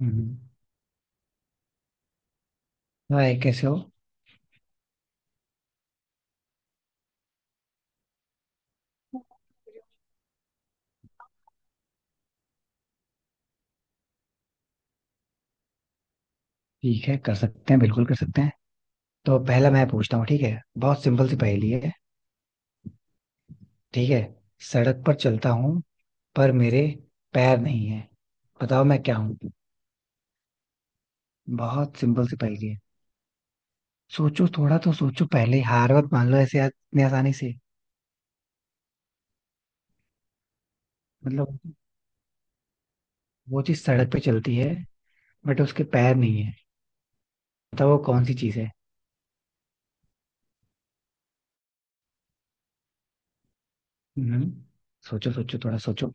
हम्म। Hi, कैसे हो? ठीक है, कर सकते हैं, बिल्कुल कर सकते हैं। तो पहला मैं पूछता हूँ। ठीक है, बहुत सिंपल सी पहेली है। ठीक है। सड़क पर चलता हूँ, पर मेरे पैर नहीं है। बताओ मैं क्या हूँ। बहुत सिंपल सी पहेली है। सोचो, थोड़ा तो सोचो पहले। हार मत मान लो ऐसे इतनी आसानी से। मतलब वो चीज सड़क पे चलती है, बट उसके पैर नहीं है। बताओ वो कौन सी चीज है। हम्म। सोचो सोचो, थोड़ा सोचो।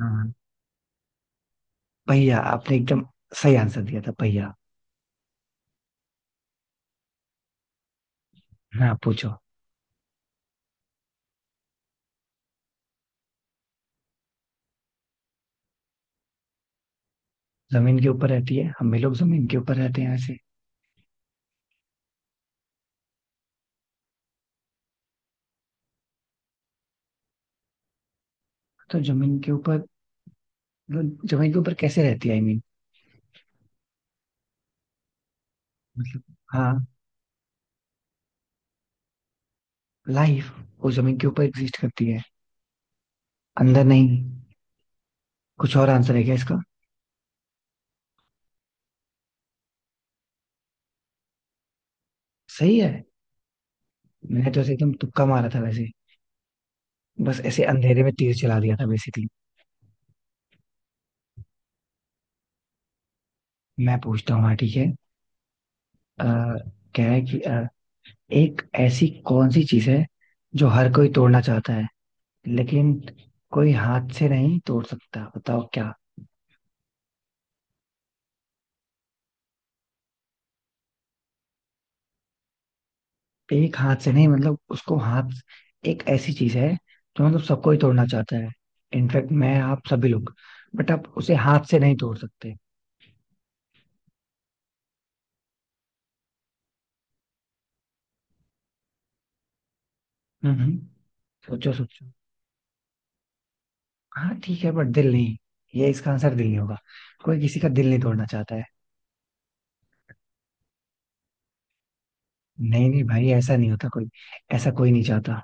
हाँ, हाँ। पहिया। आपने एकदम सही आंसर दिया था, पहिया। हाँ, पूछो। जमीन के ऊपर रहती है? हम भी लोग जमीन के ऊपर रहते हैं ऐसे। तो जमीन के ऊपर, जमीन के ऊपर कैसे रहती है? आई मीन, मतलब। हाँ। लाइफ। वो जमीन के ऊपर एग्जिस्ट करती है, अंदर नहीं। कुछ और आंसर है क्या इसका? सही है। मैंने तो ऐसे एकदम तुक्का मारा था वैसे। बस ऐसे अंधेरे में तीर चला दिया था बेसिकली। मैं पूछता हूँ, हाँ, ठीक है। आ, कह है कि एक ऐसी कौन सी चीज है जो हर कोई तोड़ना चाहता है, लेकिन कोई हाथ से नहीं तोड़ सकता? बताओ क्या। एक हाथ से नहीं, मतलब उसको हाथ। एक ऐसी चीज है जो मतलब सबको ही तोड़ना चाहता है। इनफैक्ट मैं, आप, सभी लोग। बट आप उसे हाथ से नहीं तोड़ सकते। हम्म। सोचो सोचो। हाँ, ठीक है, बट दिल नहीं। ये इसका आंसर दिल नहीं होगा। कोई किसी का दिल नहीं तोड़ना चाहता है। नहीं नहीं भाई, ऐसा नहीं होता। कोई ऐसा कोई नहीं चाहता।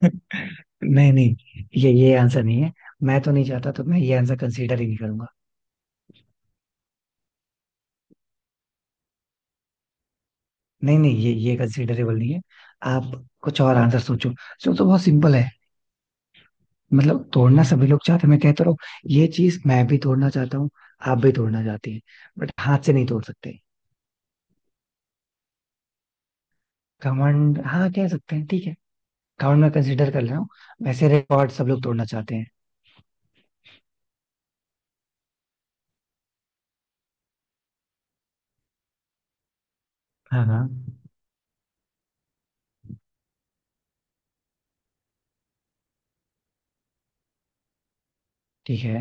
नहीं नहीं, ये आंसर नहीं है। मैं तो नहीं चाहता, तो मैं ये आंसर कंसीडर ही नहीं करूंगा। नहीं नहीं, ये कंसीडरेबल नहीं है। आप कुछ और आंसर सोचो। सोचो, बहुत सिंपल है। मतलब तोड़ना सभी लोग चाहते हैं, मैं कहता रहा हूँ। ये चीज मैं भी तोड़ना चाहता हूँ, आप भी तोड़ना चाहती हैं, बट हाथ से नहीं तोड़ सकते। घमंड, हाँ कह सकते हैं, ठीक है। घमंड मैं कंसिडर कर रहा हूँ। वैसे रिकॉर्ड सब लोग तोड़ना चाहते हैं। हाँ हाँ, ठीक है।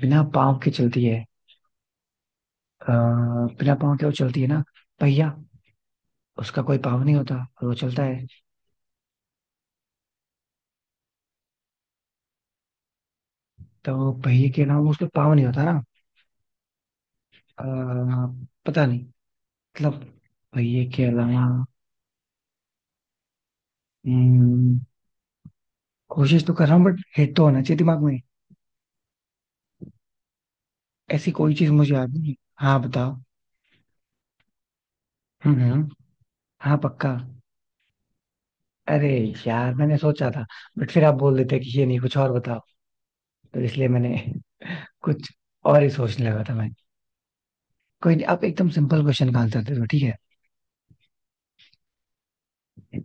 बिना पाँव के चलती है? अ, बिना पाँव के वो चलती है ना? पहिया। उसका कोई पाँव नहीं होता, और वो चलता है। तो पहिए के अलावा उसका पाँव नहीं होता ना। अ, पता नहीं, मतलब पहिए के अलावा। हम्म, कोशिश तो कर रहा हूँ, बट हिट तो होना चाहिए दिमाग में। ऐसी कोई चीज मुझे याद नहीं। हाँ, बताओ। हम्म। हाँ, पक्का। अरे यार, मैंने सोचा था, बट फिर आप बोल देते कि ये नहीं, कुछ और बताओ। तो इसलिए मैंने कुछ और ही सोचने लगा था मैं। कोई नहीं, आप एकदम सिंपल क्वेश्चन का आंसर दे दो, ठीक है।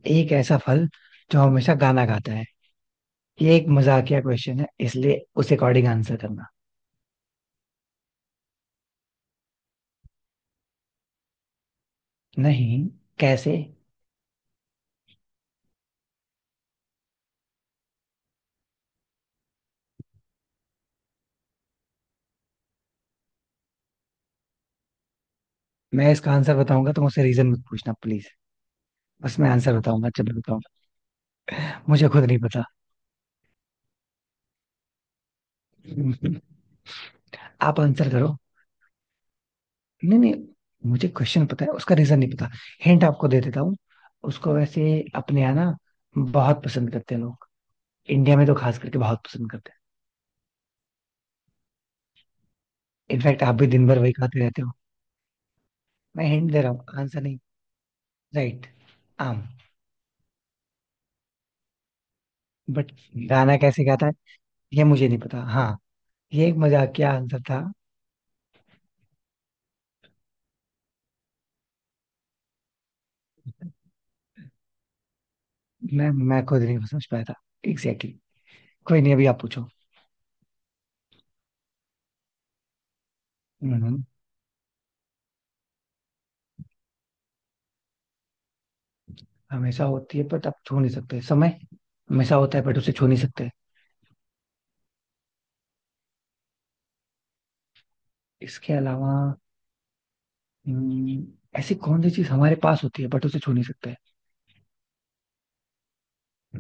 एक ऐसा फल जो हमेशा गाना गाता है। ये एक मजाकिया क्वेश्चन है, इसलिए उस अकॉर्डिंग आंसर करना। नहीं। कैसे? मैं इसका आंसर बताऊंगा तो मुझसे रीजन मत पूछना, प्लीज। बस मैं आंसर बताऊंगा जब मैं बताऊंगा। मुझे खुद नहीं पता। आप आंसर करो। नहीं नहीं, मुझे क्वेश्चन पता है, उसका रीजन नहीं पता। हिंट आपको दे देता हूँ। उसको वैसे अपने यहाँ ना बहुत पसंद करते हैं लोग। इंडिया में तो खास करके बहुत पसंद करते हैं। इनफैक्ट आप भी दिन भर वही खाते रहते हो। मैं हिंट दे रहा हूँ, आंसर नहीं। राइट। आम। बट गाना कैसे गाता है ये मुझे नहीं पता, हाँ। ये एक मजाकिया आंसर था। मैं खुद नहीं समझ पाया था। Exactly exactly. कोई नहीं, अभी आप पूछो। हम्म, हमेशा होती है बट आप छू नहीं सकते, समय। हमेशा होता है बट उसे छू नहीं सकते। इसके अलावा। हम्म, ऐसी कौन सी चीज हमारे पास होती है बट उसे छू नहीं सकते?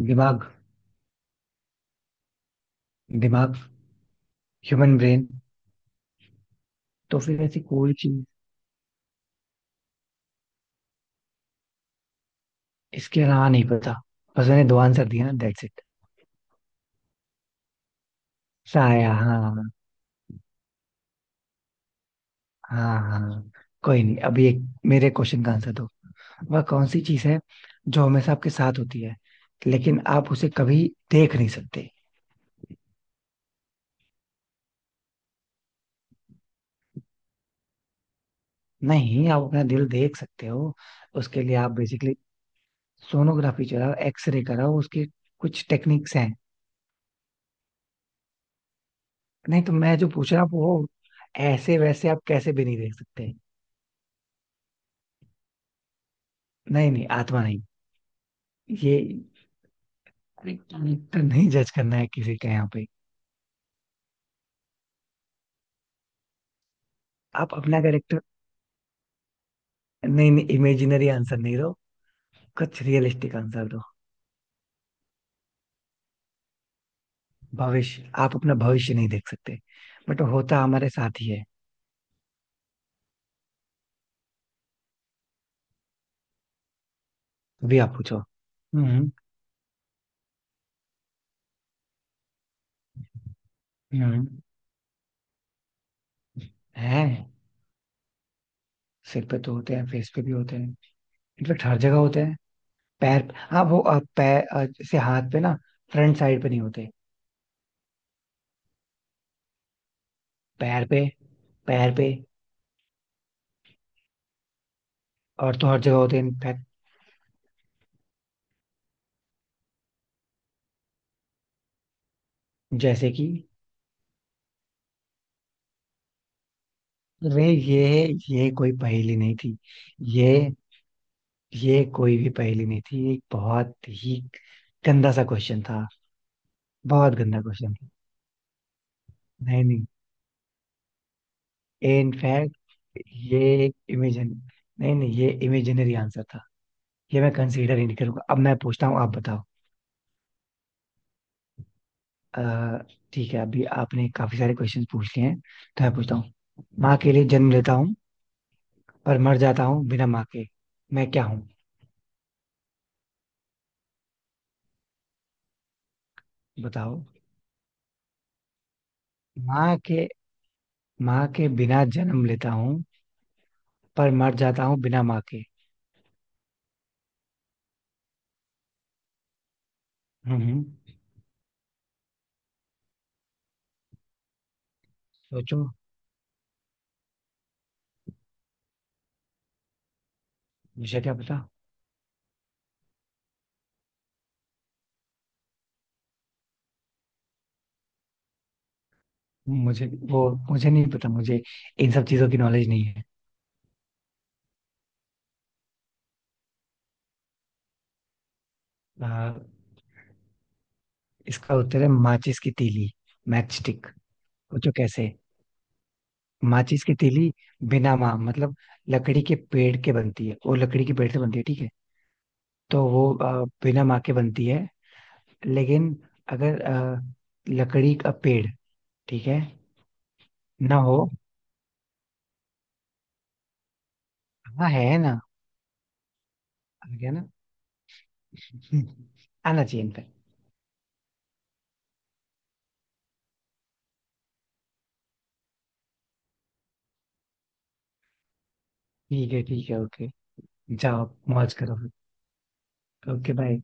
दिमाग। दिमाग। Human brain. तो फिर ऐसी कोई चीज? इसके अलावा नहीं पता। बस मैंने दो आंसर दिया ना, दैट्स इट। साया, हाँ। हाँ, हाँ। कोई नहीं, अभी एक मेरे क्वेश्चन का आंसर दो। वह कौन सी चीज है जो हमेशा आपके साथ होती है, लेकिन आप उसे कभी देख नहीं सकते? नहीं, आप अपना दिल देख सकते हो। उसके लिए आप बेसिकली सोनोग्राफी चलाओ, एक्सरे कराओ, उसके कुछ टेक्निक्स हैं। नहीं तो, मैं जो पूछ रहा हूँ वो, ऐसे वैसे आप कैसे भी नहीं देख सकते। नहीं नहीं, आत्मा नहीं। ये कैरेक्टर नहीं, जज करना है किसी का यहाँ पे। आप अपना कैरेक्टर। नहीं नहीं, इमेजिनरी आंसर नहीं दो, कुछ रियलिस्टिक आंसर दो। भविष्य। आप अपना भविष्य नहीं देख सकते, बट होता हमारे साथ ही है। अभी आप पूछो। हम्म। हम्म। है। सिर पे तो होते हैं, फेस पे भी होते हैं। इनफेक्ट हर जगह होते हैं। पैर, हाँ वो पैर, जैसे हाथ पे ना, फ्रंट साइड पे नहीं होते। पैर पे, पैर पे। और तो हर जगह होते हैं इनफैक्ट। जैसे कि। रे, ये कोई पहेली नहीं थी। ये ये कोई भी पहेली नहीं थी। ये एक बहुत ही गंदा सा क्वेश्चन था। बहुत गंदा क्वेश्चन था। नहीं नहीं, इनफैक्ट ये एक इमेजिन। नहीं नहीं, ये इमेजिनरी आंसर था। ये मैं कंसीडर ही नहीं करूंगा। अब मैं पूछता हूँ, आप बताओ। अ, ठीक है, अभी आपने काफी सारे क्वेश्चन पूछ लिए हैं, तो मैं पूछता हूँ। माँ के लिए जन्म लेता हूँ, पर मर जाता हूँ बिना माँ के। मैं क्या हूँ? बताओ। माँ के माँ के बिना जन्म लेता हूँ, पर मर जाता हूँ बिना माँ के। हम्म। सोचो। मुझे क्या पता। मुझे नहीं पता। मुझे इन सब चीजों की नॉलेज नहीं है। आ, इसका उत्तर है माचिस की तीली। Match stick. सोचो कैसे। माचिस की तीली, बिना माँ मतलब लकड़ी के पेड़ के बनती है। वो लकड़ी के पेड़ से बनती है, ठीक है। तो वो बिना माँ के बनती है। लेकिन अगर लकड़ी का पेड़ ठीक है ना हो। हाँ, है ना, आ गया ना। हम्म, आना चाहिए इनफैक्ट। ठीक है, ठीक है, ओके। जाओ मौज करो। Okay, bye.